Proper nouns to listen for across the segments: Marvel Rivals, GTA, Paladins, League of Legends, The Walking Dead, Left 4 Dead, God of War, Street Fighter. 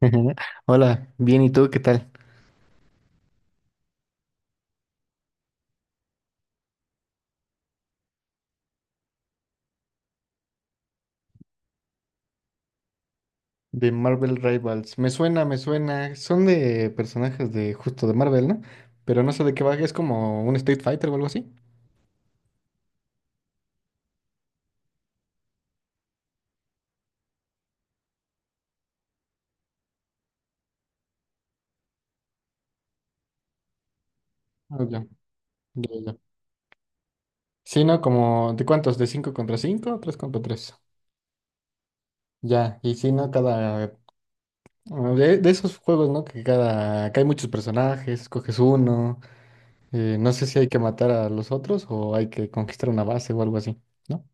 Hola, bien, ¿y tú qué tal? De Marvel Rivals. Me suena, me suena. Son de personajes de justo de Marvel, ¿no? Pero no sé de qué va, es como un Street Fighter o algo así. Ah, ya, ya, ya. Sí, ¿no? Como, ¿de cuántos? ¿De 5 contra 5, 3 contra 3. Ya, y sí, ¿no? Cada... De esos juegos, ¿no? Que cada... Que hay muchos personajes, coges uno. No sé si hay que matar a los otros o hay que conquistar una base o algo así, ¿no?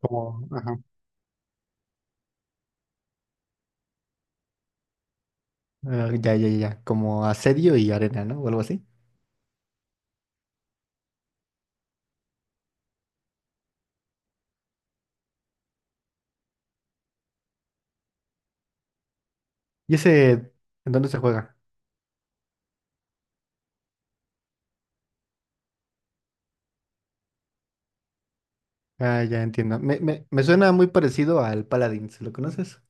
Como... ajá. Ah, ya, ya, ya. Como asedio y arena, ¿no? O algo así. ¿Y ese, en dónde se juega? Ah, ya entiendo. Me suena muy parecido al Paladins, ¿lo conoces?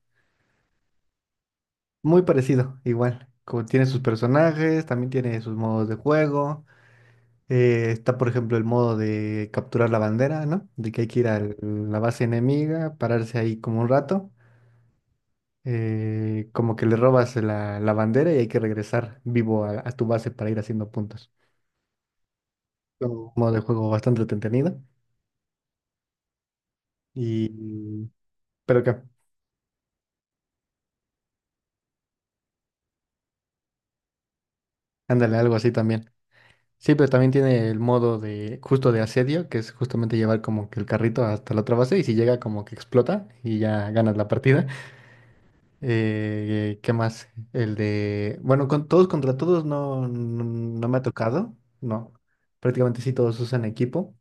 Muy parecido, igual. Como tiene sus personajes, también tiene sus modos de juego. Está, por ejemplo, el modo de capturar la bandera, ¿no? De que hay que ir a la base enemiga, pararse ahí como un rato. Como que le robas la bandera y hay que regresar vivo a tu base para ir haciendo puntos. Un modo de juego bastante entretenido. Y, pero que, ándale, algo así también. Sí, pero también tiene el modo de, justo de asedio, que es justamente llevar como que el carrito hasta la otra base y si llega como que explota y ya ganas la partida. ¿Qué más? El de, bueno, con todos contra todos no, no, no me ha tocado, no. Prácticamente sí todos usan equipo.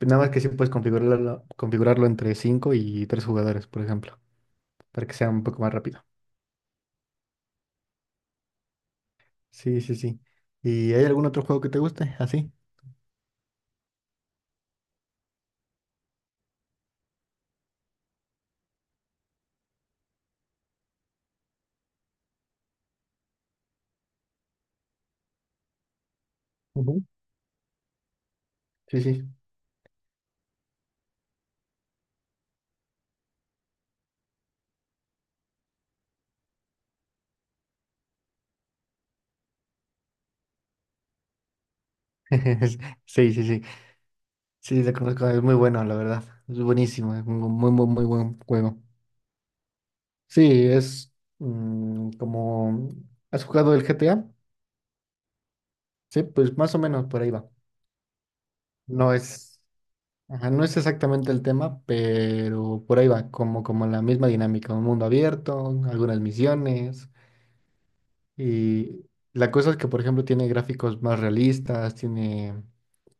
Nada más que sí puedes configurarlo, configurarlo entre 5 y 3 jugadores, por ejemplo, para que sea un poco más rápido. Sí, sí, sí. ¿Y hay algún otro juego que te guste? Así. Sí, sí. Sí, sí, sí. Sí, lo conozco. Es muy bueno, la verdad. Es buenísimo. Es un muy, muy, muy buen juego. Sí, es como... ¿Has jugado el GTA? Sí, pues más o menos por ahí va. No es... ajá, no es exactamente el tema, pero por ahí va. Como, como la misma dinámica. Un mundo abierto, algunas misiones. Y la cosa es que, por ejemplo, tiene gráficos más realistas, tiene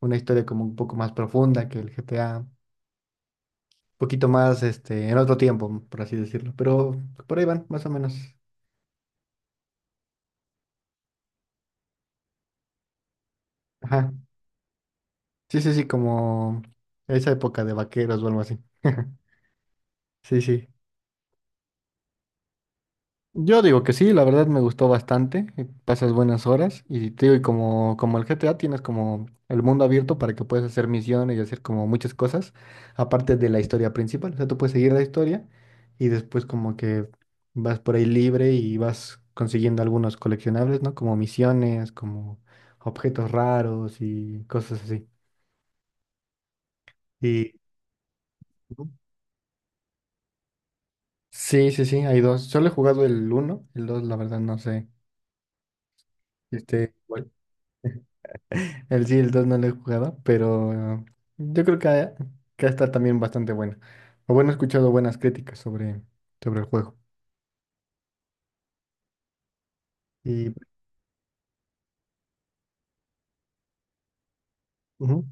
una historia como un poco más profunda que el GTA. Poquito más, este, en otro tiempo, por así decirlo. Pero por ahí van, más o menos. Ajá. Sí, sí, sí, como esa época de vaqueros o algo así. Sí, sí. Yo digo que sí, la verdad me gustó bastante, pasas buenas horas y te digo, y como, como el GTA tienes como el mundo abierto para que puedas hacer misiones y hacer como muchas cosas, aparte de la historia principal, o sea, tú puedes seguir la historia y después como que vas por ahí libre y vas consiguiendo algunos coleccionables, ¿no? Como misiones, como objetos raros y cosas así. Y ujú. Sí, sí, sí, hay dos, solo he jugado el uno, el dos la verdad no sé, este... El sí, el 2 no lo he jugado, pero yo creo que está también bastante bueno. O bueno, he escuchado buenas críticas sobre, sobre el juego. Y, ujú,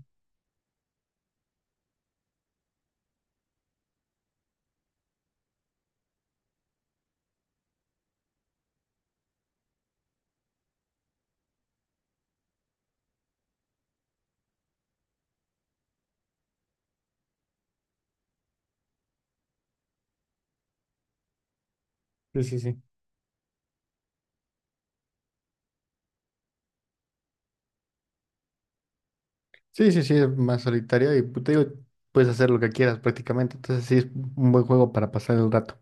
sí, sí, sí. Sí, sí, sí, es más solitario y pues, te digo, puedes hacer lo que quieras prácticamente. Entonces sí, es un buen juego para pasar el rato.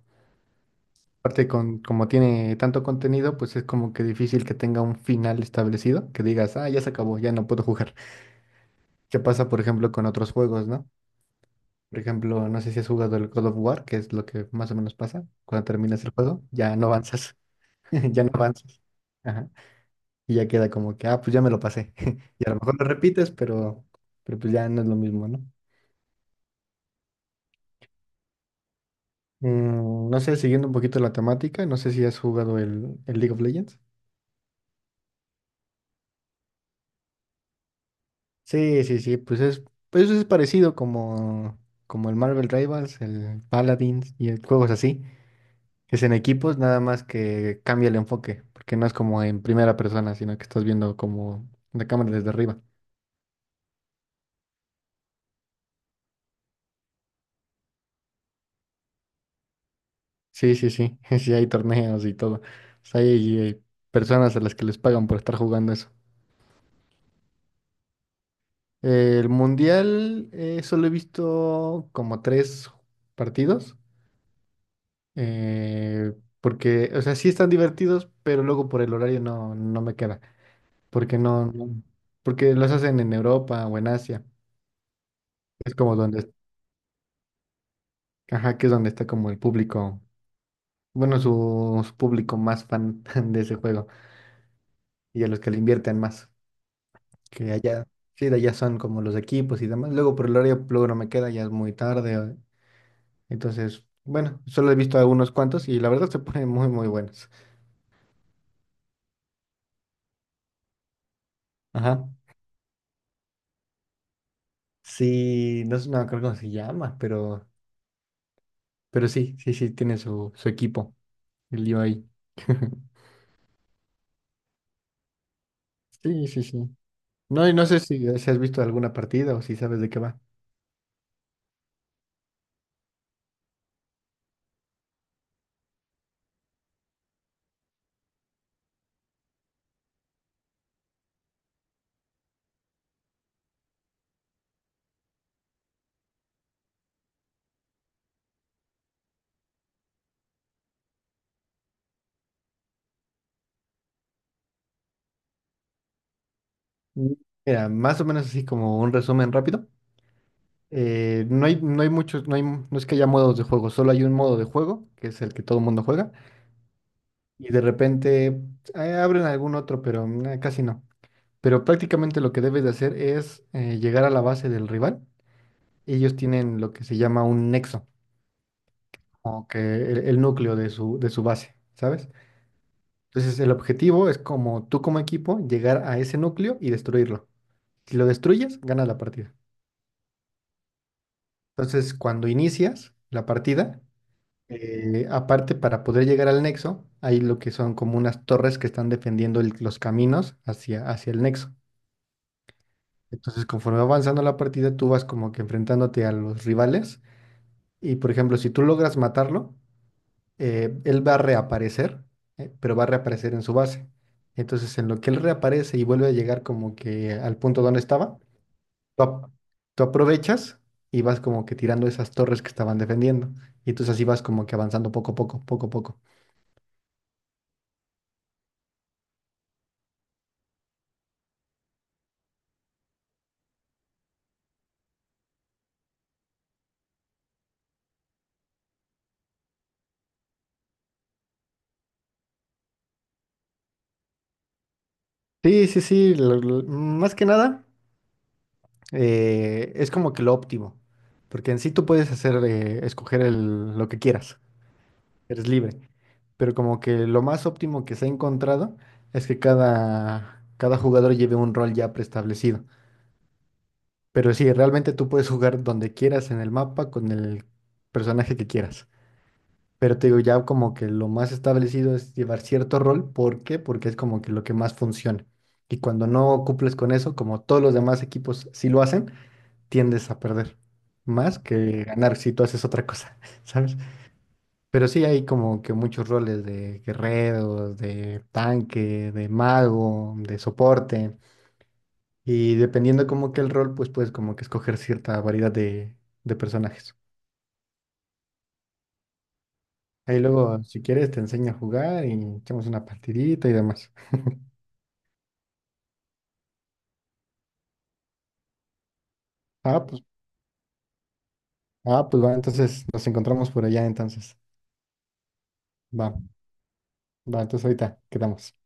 Aparte, con, como tiene tanto contenido, pues es como que difícil que tenga un final establecido, que digas, ah, ya se acabó, ya no puedo jugar. ¿Qué pasa, por ejemplo, con otros juegos, ¿no? Por ejemplo, no sé si has jugado el God of War, que es lo que más o menos pasa. Cuando terminas el juego, ya no avanzas. Ya no avanzas. Ajá. Y ya queda como que, ah, pues ya me lo pasé. Y a lo mejor lo repites, pero pues ya no es lo mismo, ¿no? No sé, siguiendo un poquito la temática, no sé si has jugado el League of Legends. Sí, sí, sí, pues es parecido como, como el Marvel Rivals, el Paladins y el juegos así. Es en equipos, nada más que cambia el enfoque, porque no es como en primera persona, sino que estás viendo como la cámara desde arriba. Sí, sí, sí, sí hay torneos y todo. O sea, hay, personas a las que les pagan por estar jugando eso. El mundial solo he visto como tres partidos, eh, porque, o sea, sí están divertidos, pero luego por el horario no, no me queda, porque porque los hacen en Europa o en Asia. Es como donde, ajá, que es donde está como el público bueno, su público más fan de ese juego y a los que le invierten más, que allá, sí, de allá son como los equipos y demás. Luego por el horario, pues, luego no me queda, ya es muy tarde. Entonces, bueno, solo he visto a unos cuantos y la verdad se ponen muy, muy buenos. Ajá. Sí, no me acuerdo cómo se llama, pero sí, sí, sí, tiene su, su equipo, el lío ahí. Sí, sí, sí. No, y no sé si, si has visto alguna partida o si sabes de qué va. Mm. Mira, más o menos así como un resumen rápido. No hay, no hay muchos, no hay, no es que haya modos de juego, solo hay un modo de juego, que es el que todo el mundo juega, y de repente abren algún otro, pero nah, casi no. Pero prácticamente lo que debes de hacer es llegar a la base del rival. Ellos tienen lo que se llama un nexo, o que el núcleo de su base, ¿sabes? Entonces el objetivo es como tú como equipo llegar a ese núcleo y destruirlo. Si lo destruyes, ganas la partida. Entonces cuando inicias la partida, aparte, para poder llegar al nexo, hay lo que son como unas torres que están defendiendo los caminos hacia, hacia el nexo. Entonces, conforme va avanzando la partida, tú vas como que enfrentándote a los rivales. Y, por ejemplo, si tú logras matarlo, él va a reaparecer, pero va a reaparecer en su base. Entonces, en lo que él reaparece y vuelve a llegar como que al punto donde estaba, tú, ap- tú aprovechas y vas como que tirando esas torres que estaban defendiendo. Y entonces así vas como que avanzando poco a poco, poco a poco. Sí, sí, sí, más que nada es como que lo óptimo, porque en sí tú puedes hacer, escoger lo que quieras, eres libre, pero como que lo más óptimo que se ha encontrado es que cada, cada jugador lleve un rol ya preestablecido, pero sí, realmente tú puedes jugar donde quieras en el mapa con el personaje que quieras. Pero te digo, ya como que lo más establecido es llevar cierto rol. ¿Por qué? Porque es como que lo que más funciona. Y cuando no cumples con eso, como todos los demás equipos sí lo hacen, tiendes a perder más que ganar si tú haces otra cosa, ¿sabes? Pero sí hay como que muchos roles de guerreros, de tanque, de mago, de soporte. Y dependiendo como que el rol, pues puedes como que escoger cierta variedad de personajes. Ahí luego, si quieres, te enseño a jugar y echamos una partidita y demás. Ah, pues, ah, pues va, entonces nos encontramos por allá entonces. Va, va, entonces ahorita quedamos.